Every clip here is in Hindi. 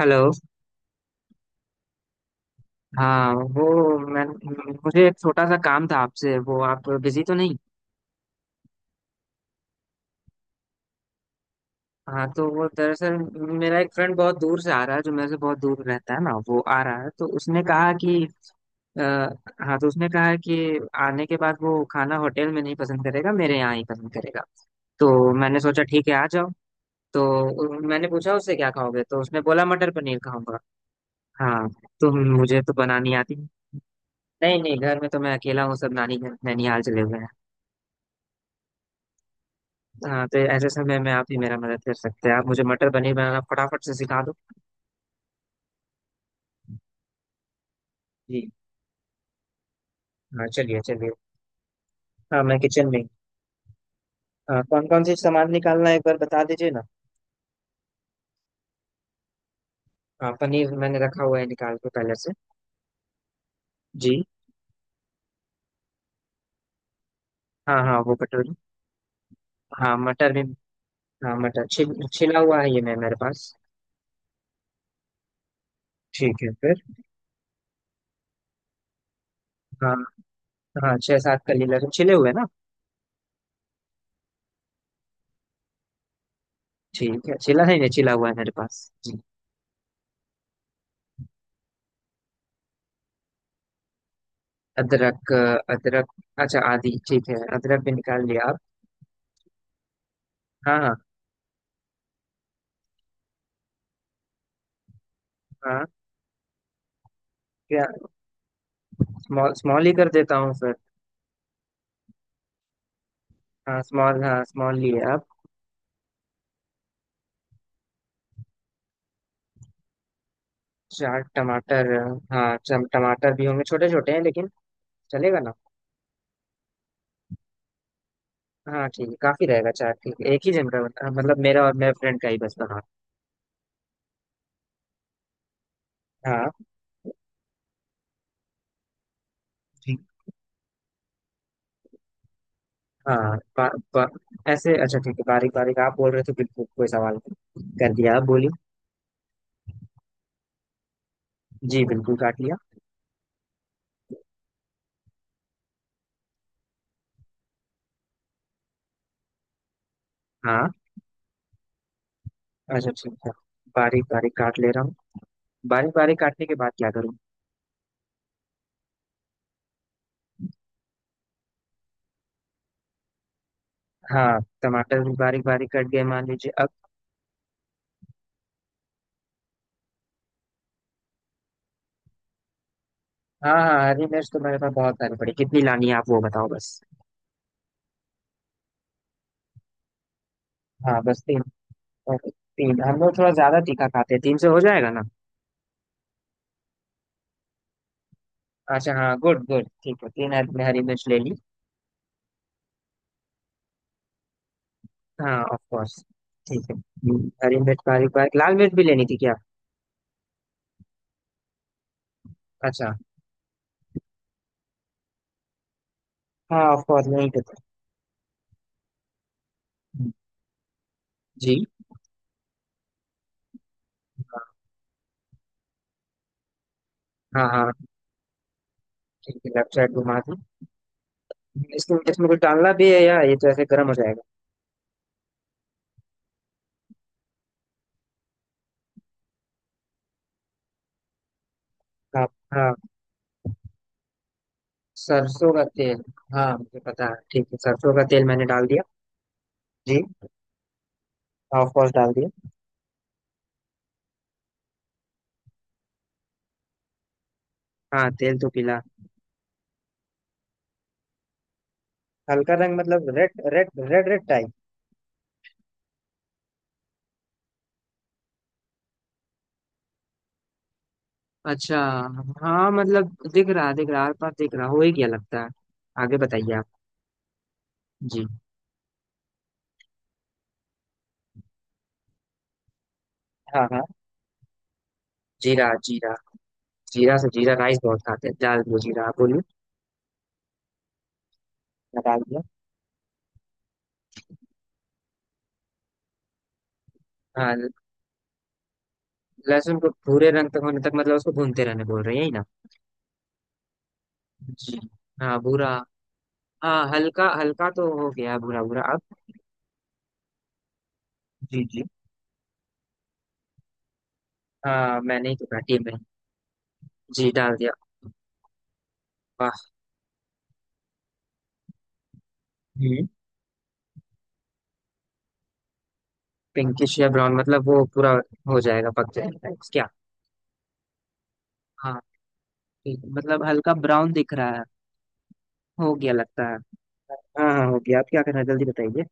हेलो। हाँ, वो मैं मुझे एक छोटा सा काम था आपसे। वो आप बिजी तो नहीं? हाँ, तो वो दरअसल मेरा एक फ्रेंड बहुत दूर से आ रहा है, जो मेरे से बहुत दूर रहता है ना। वो आ रहा है तो उसने कहा कि अ, हाँ, तो उसने कहा कि आने के बाद वो खाना होटल में नहीं पसंद करेगा, मेरे यहाँ ही पसंद करेगा। तो मैंने सोचा ठीक है, आ जाओ। तो मैंने पूछा उससे क्या खाओगे, तो उसने बोला मटर पनीर खाऊंगा। हाँ। तो मुझे तो बनानी आती नहीं नहीं नहीं, घर में तो मैं अकेला हूँ, सब नानी घर नैनिहाल चले हुए हैं। हाँ, तो ऐसे समय में आप ही मेरा मदद कर सकते हैं। आप मुझे मटर पनीर बनाना फटाफट से सिखा दो। जी। हाँ, चलिए चलिए। हाँ, मैं किचन में। हाँ, कौन कौन से सामान निकालना है एक बार बता दीजिए ना। हाँ, पनीर मैंने रखा हुआ है निकाल के पहले से। जी। हाँ हाँ, वो कटोरी। हाँ, मटर भी। हाँ, मटर छिला हुआ है ये मैं मेरे पास। ठीक है, फिर? हाँ हाँ, छह सात कली लहसुन छिले हुए ना? ठीक है, छिला नहीं नहीं, छिला हुआ है मेरे पास जी। अदरक अदरक। अच्छा आदि ठीक है, अदरक भी निकाल लिया आप? हाँ हाँ हाँ। क्या? स्मॉल स्मॉल ही कर देता हूँ फिर। हाँ स्मॉल, हाँ स्मॉल ही है अब। चार टमाटर। हाँ, चम टमाटर भी होंगे, छोटे छोटे हैं लेकिन। चलेगा ना? हाँ ठीक है, काफी रहेगा चार। ठीक है, एक ही जन का मतलब मेरा और मेरे फ्रेंड का ही बस बना। हाँ। ठीक। हाँ बा, बा, ऐसे। अच्छा ठीक है बारीक बारीक आप बोल रहे थे, बिल्कुल कोई सवाल नहीं कर दिया आप बोली। जी बिल्कुल काट लिया। हाँ। अच्छा ठीक है। बारीक बारीक काट ले रहा हूँ। बारीक बारीक काटने के बाद क्या करूँ? हाँ, टमाटर भी बारीक बारीक कट गए मान लीजिए अब। हाँ हाँ, हरी मिर्च तो मेरे पास बहुत सारी पड़ी। कितनी लानी है आप वो बताओ बस। हाँ बस तीन? और तीन, हम लोग थोड़ा ज्यादा तीखा खाते हैं, तीन से हो जाएगा ना? अच्छा हाँ, गुड गुड ठीक है, तीन हरी, हरी मिर्च ले ली। हाँ ऑफ कोर्स। ठीक है। हरी मिर्च बारीक बारीक, लाल मिर्च भी लेनी थी क्या? अच्छा। हाँ ऑफ कोर्स नहीं पता। जी। हाँ हाँ। ठीक है लेफ्ट साइड घुमा दूँ? इसमें इसमें कुछ डालना भी है या ये तो ऐसे गर्म हो जाएगा? हाँ हाँ। सरसों का तेल। हाँ मुझे पता है, ठीक है, सरसों का तेल मैंने डाल दिया। जी। ऑफ कोर्स डाल दिया। हाँ तेल तो पीला। हल्का रंग मतलब red red red red type? अच्छा। हाँ मतलब दिख रहा, दिख रहा, आर पार दिख रहा हो ही क्या लगता है? आगे बताइए आप। जी। हाँ हाँ। जीरा जीरा। जीरा से जीरा राइस बहुत खाते हैं, डाल दो जीरा, आप बोलिए। मैं डाल दिया। हाँ, लहसुन को भूरे रंग तक होने तक मतलब उसको भूनते रहने बोल रहे हैं, यही ना? जी। हाँ भूरा। हाँ हल्का हल्का तो हो गया, भूरा भूरा अब। जी जी। हाँ, मैंने ही तो काटी है मैंने। जी डाल दिया। वाह। पिंकिश या ब्राउन मतलब वो पूरा हो जाएगा? पक जाएगा क्या? हाँ। ठीक, मतलब हल्का ब्राउन दिख रहा है, हो गया लगता है। हाँ हाँ, हो गया। आप क्या करना है जल्दी बताइए।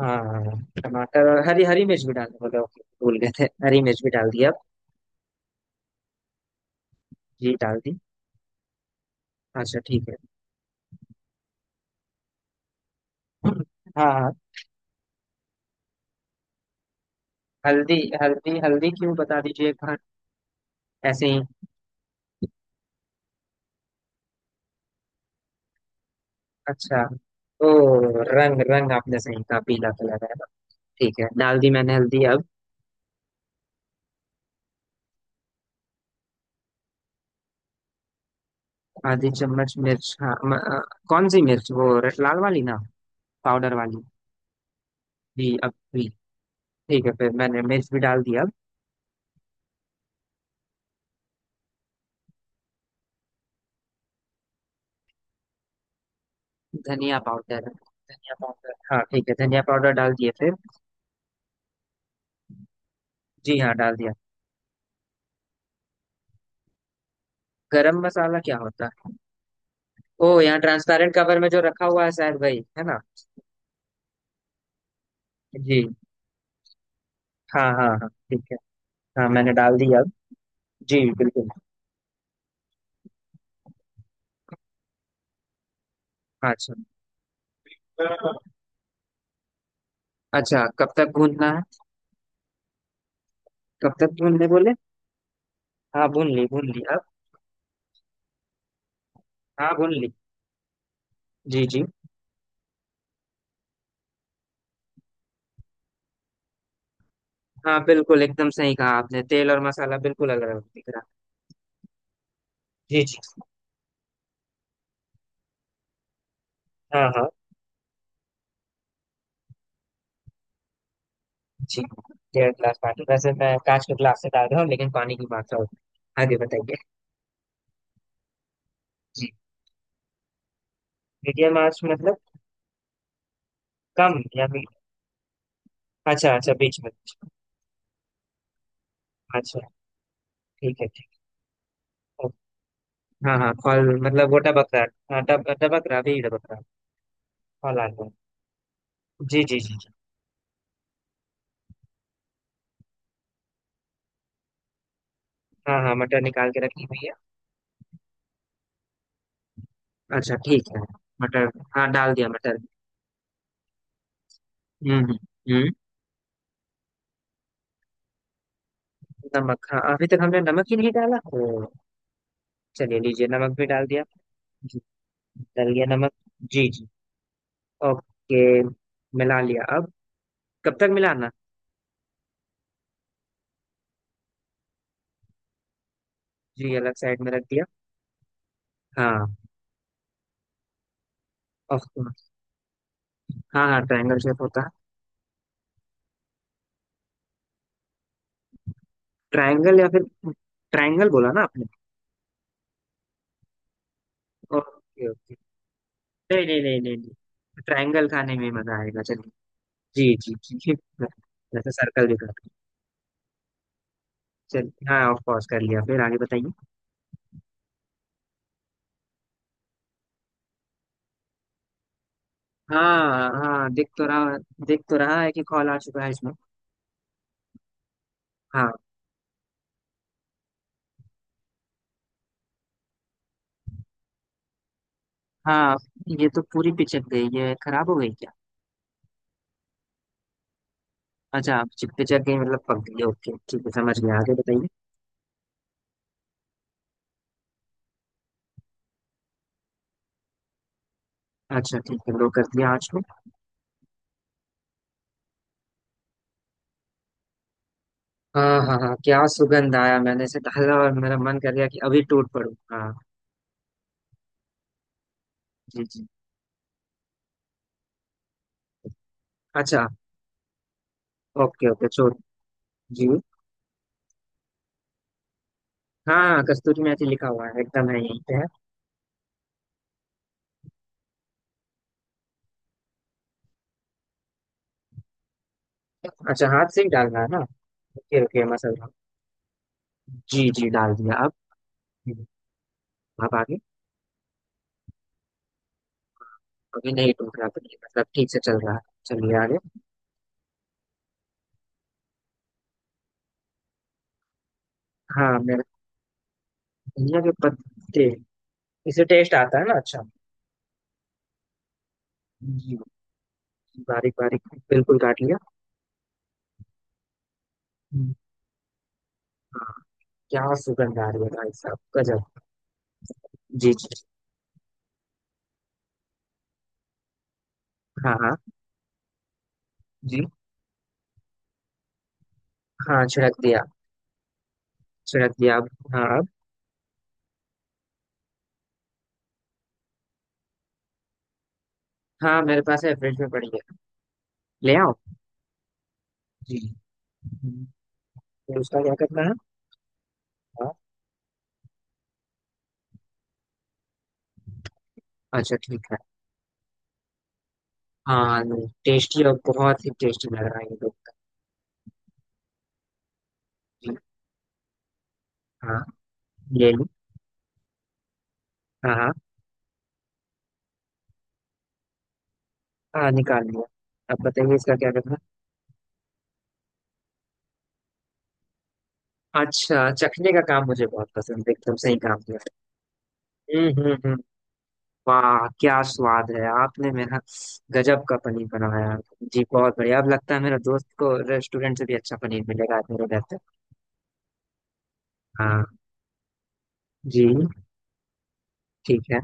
हाँ हाँ, हाँ। टमाटर और हरी हरी मिर्च भी डालना बोले? ओके, भूल गए थे, हरी मिर्च भी डाल दी अब। जी डाल दी। अच्छा ठीक है। हाँ हाँ। हल्दी, हल्दी। हल्दी क्यों बता दीजिए एक बार? ऐसे ही? अच्छा। ओ, रंग, रंग आपने सही कहा, पीला कलर है। ठीक है, डाल दी मैंने हल्दी अब। आधी चम्मच मिर्च? हाँ कौन सी मिर्च, वो लाल वाली ना? पाउडर वाली? जी अब भी। ठीक है, फिर मैंने मिर्च भी डाल दिया अब। धनिया पाउडर, धनिया पाउडर? हाँ ठीक है, धनिया पाउडर डाल दिए फिर। जी हाँ डाल दिया। गरम मसाला क्या होता है? ओ, यहाँ ट्रांसपेरेंट कवर में जो रखा हुआ है शायद वही है ना? जी हाँ हाँ हाँ ठीक है। हाँ मैंने डाल दिया अब। जी बिल्कुल। हाँ, अच्छा। अच्छा कब तक भूनना है? कब तक भूनने बोले? हाँ भून ली अब। हाँ भून ली। जी जी। हाँ बिल्कुल, एकदम सही कहा आपने, तेल और मसाला बिल्कुल अलग अलग दिख रहा है। जी जी। हाँ हाँ। जी। डेढ़ गिलास पानी, वैसे मैं कांच के गिलास से डाल रहा हूँ, लेकिन पानी की मात्रा होती है। आगे बताइए। जी। मीडियम आंच मतलब कम या अच्छा अच्छा, बीच में। अच्छा। ठीक है। ठीक है। हाँ हाँ, फल मतलब वो टपक रहा है। हाँ टप टपक रहा, भी टपक रहा। फल आ गया। जी जी जी जी। हाँ हाँ, मटर निकाल के रखी हुई है। अच्छा ठीक है। मटर। हाँ डाल दिया मटर। हम्म हम्म हम्म। नमक? हाँ अभी तक हमने नमक ही नहीं डाला। ओ चलिए, लीजिए नमक भी डाल दिया। जी। डाल दिया नमक। जी जी। ओके। मिला लिया अब। कब तक मिलाना? जी अलग साइड में रख दिया। हाँ ऑफ कोर्स। हाँ हाँ, ट्रायंगल शेप होता है। ट्रायंगल या फिर? ट्रायंगल बोला ना आपने? Okay okay. नहीं नहीं नहीं नहीं नहीं, ट्रायंगल खाने में मजा आएगा, चलिए। जी जी। जी। जैसे सर्कल भी करते हैं। चलिए हाँ ऑफ कोर्स कर लिया, फिर आगे बताइए। हाँ हाँ दिख तो रहा, दिख तो रहा है कि कॉल आ चुका है इसमें। हाँ हाँ। ये तो पूरी पिचक गई, ये खराब हो गई क्या? अच्छा, पिचक गई मतलब पक गई, ओके ठीक है, समझ गया, आगे बताइए। अच्छा ठीक है, ब्रो कर दिया आज को। हाँ हाँ हाँ, क्या सुगंध आया! मैंने इसे डाला और मेरा मन कर गया कि अभी टूट पड़ूं। हाँ। जी जी। अच्छा। ओके ओके छोड़। जी। हाँ हाँ, कस्तूरी मेथी लिखा हुआ है एकदम, है यहीं पे है। अच्छा हाथ से ही डालना है ना? ओके ओके मसल। जी जी डाल दिया अब। हम्म, अब आगे? अभी नहीं टूट रहा पनीर, मतलब ठीक से चल रहा है। चलिए आगे। हाँ मेरे। धनिया के पत्ते? इसे टेस्ट आता है ना, अच्छा। जी। बारीक बारीक। बिल्कुल काट लिया। हम्म, हाँ, क्या सुगंध आ रही है भाई साहब, गजब। जी जी। हाँ हाँ। जी। हाँ छिड़क दिया। छिड़क दिया अब। हाँ अब। हाँ मेरे पास है, फ्रिज में पड़ी है। ले आओ। जी। हम्म, फिर उसका क्या करना है? हाँ। अच्छा ठीक है। हाँ टेस्टी, और बहुत ही टेस्टी लग रहा है ये देख कर। जी। हाँ ले ली। हाँ हाँ। हाँ निकाल लिया। अब बताइए इसका क्या करना है? अच्छा, चखने का काम मुझे बहुत पसंद है, एकदम सही काम किया। हम्म। वाह क्या स्वाद है! आपने मेरा गजब का पनीर बनाया। जी बहुत बढ़िया। अब लगता है मेरा दोस्त को रेस्टोरेंट से भी अच्छा पनीर मिलेगा आज मेरे घर पे। हाँ। जी। ठीक है।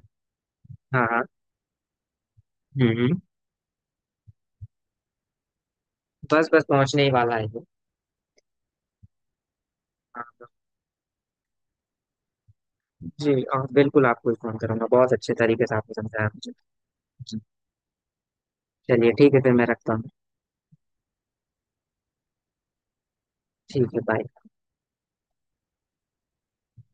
हाँ हाँ। हम्म हम्म। बस बस पहुंचने ही वाला है ये। हाँ, हाँ, जी। और बिल्कुल आपको ही फोन करूंगा, बहुत अच्छे तरीके से आपने समझाया मुझे। जी। चलिए ठीक है फिर, मैं रखता हूँ। ठीक है बाय।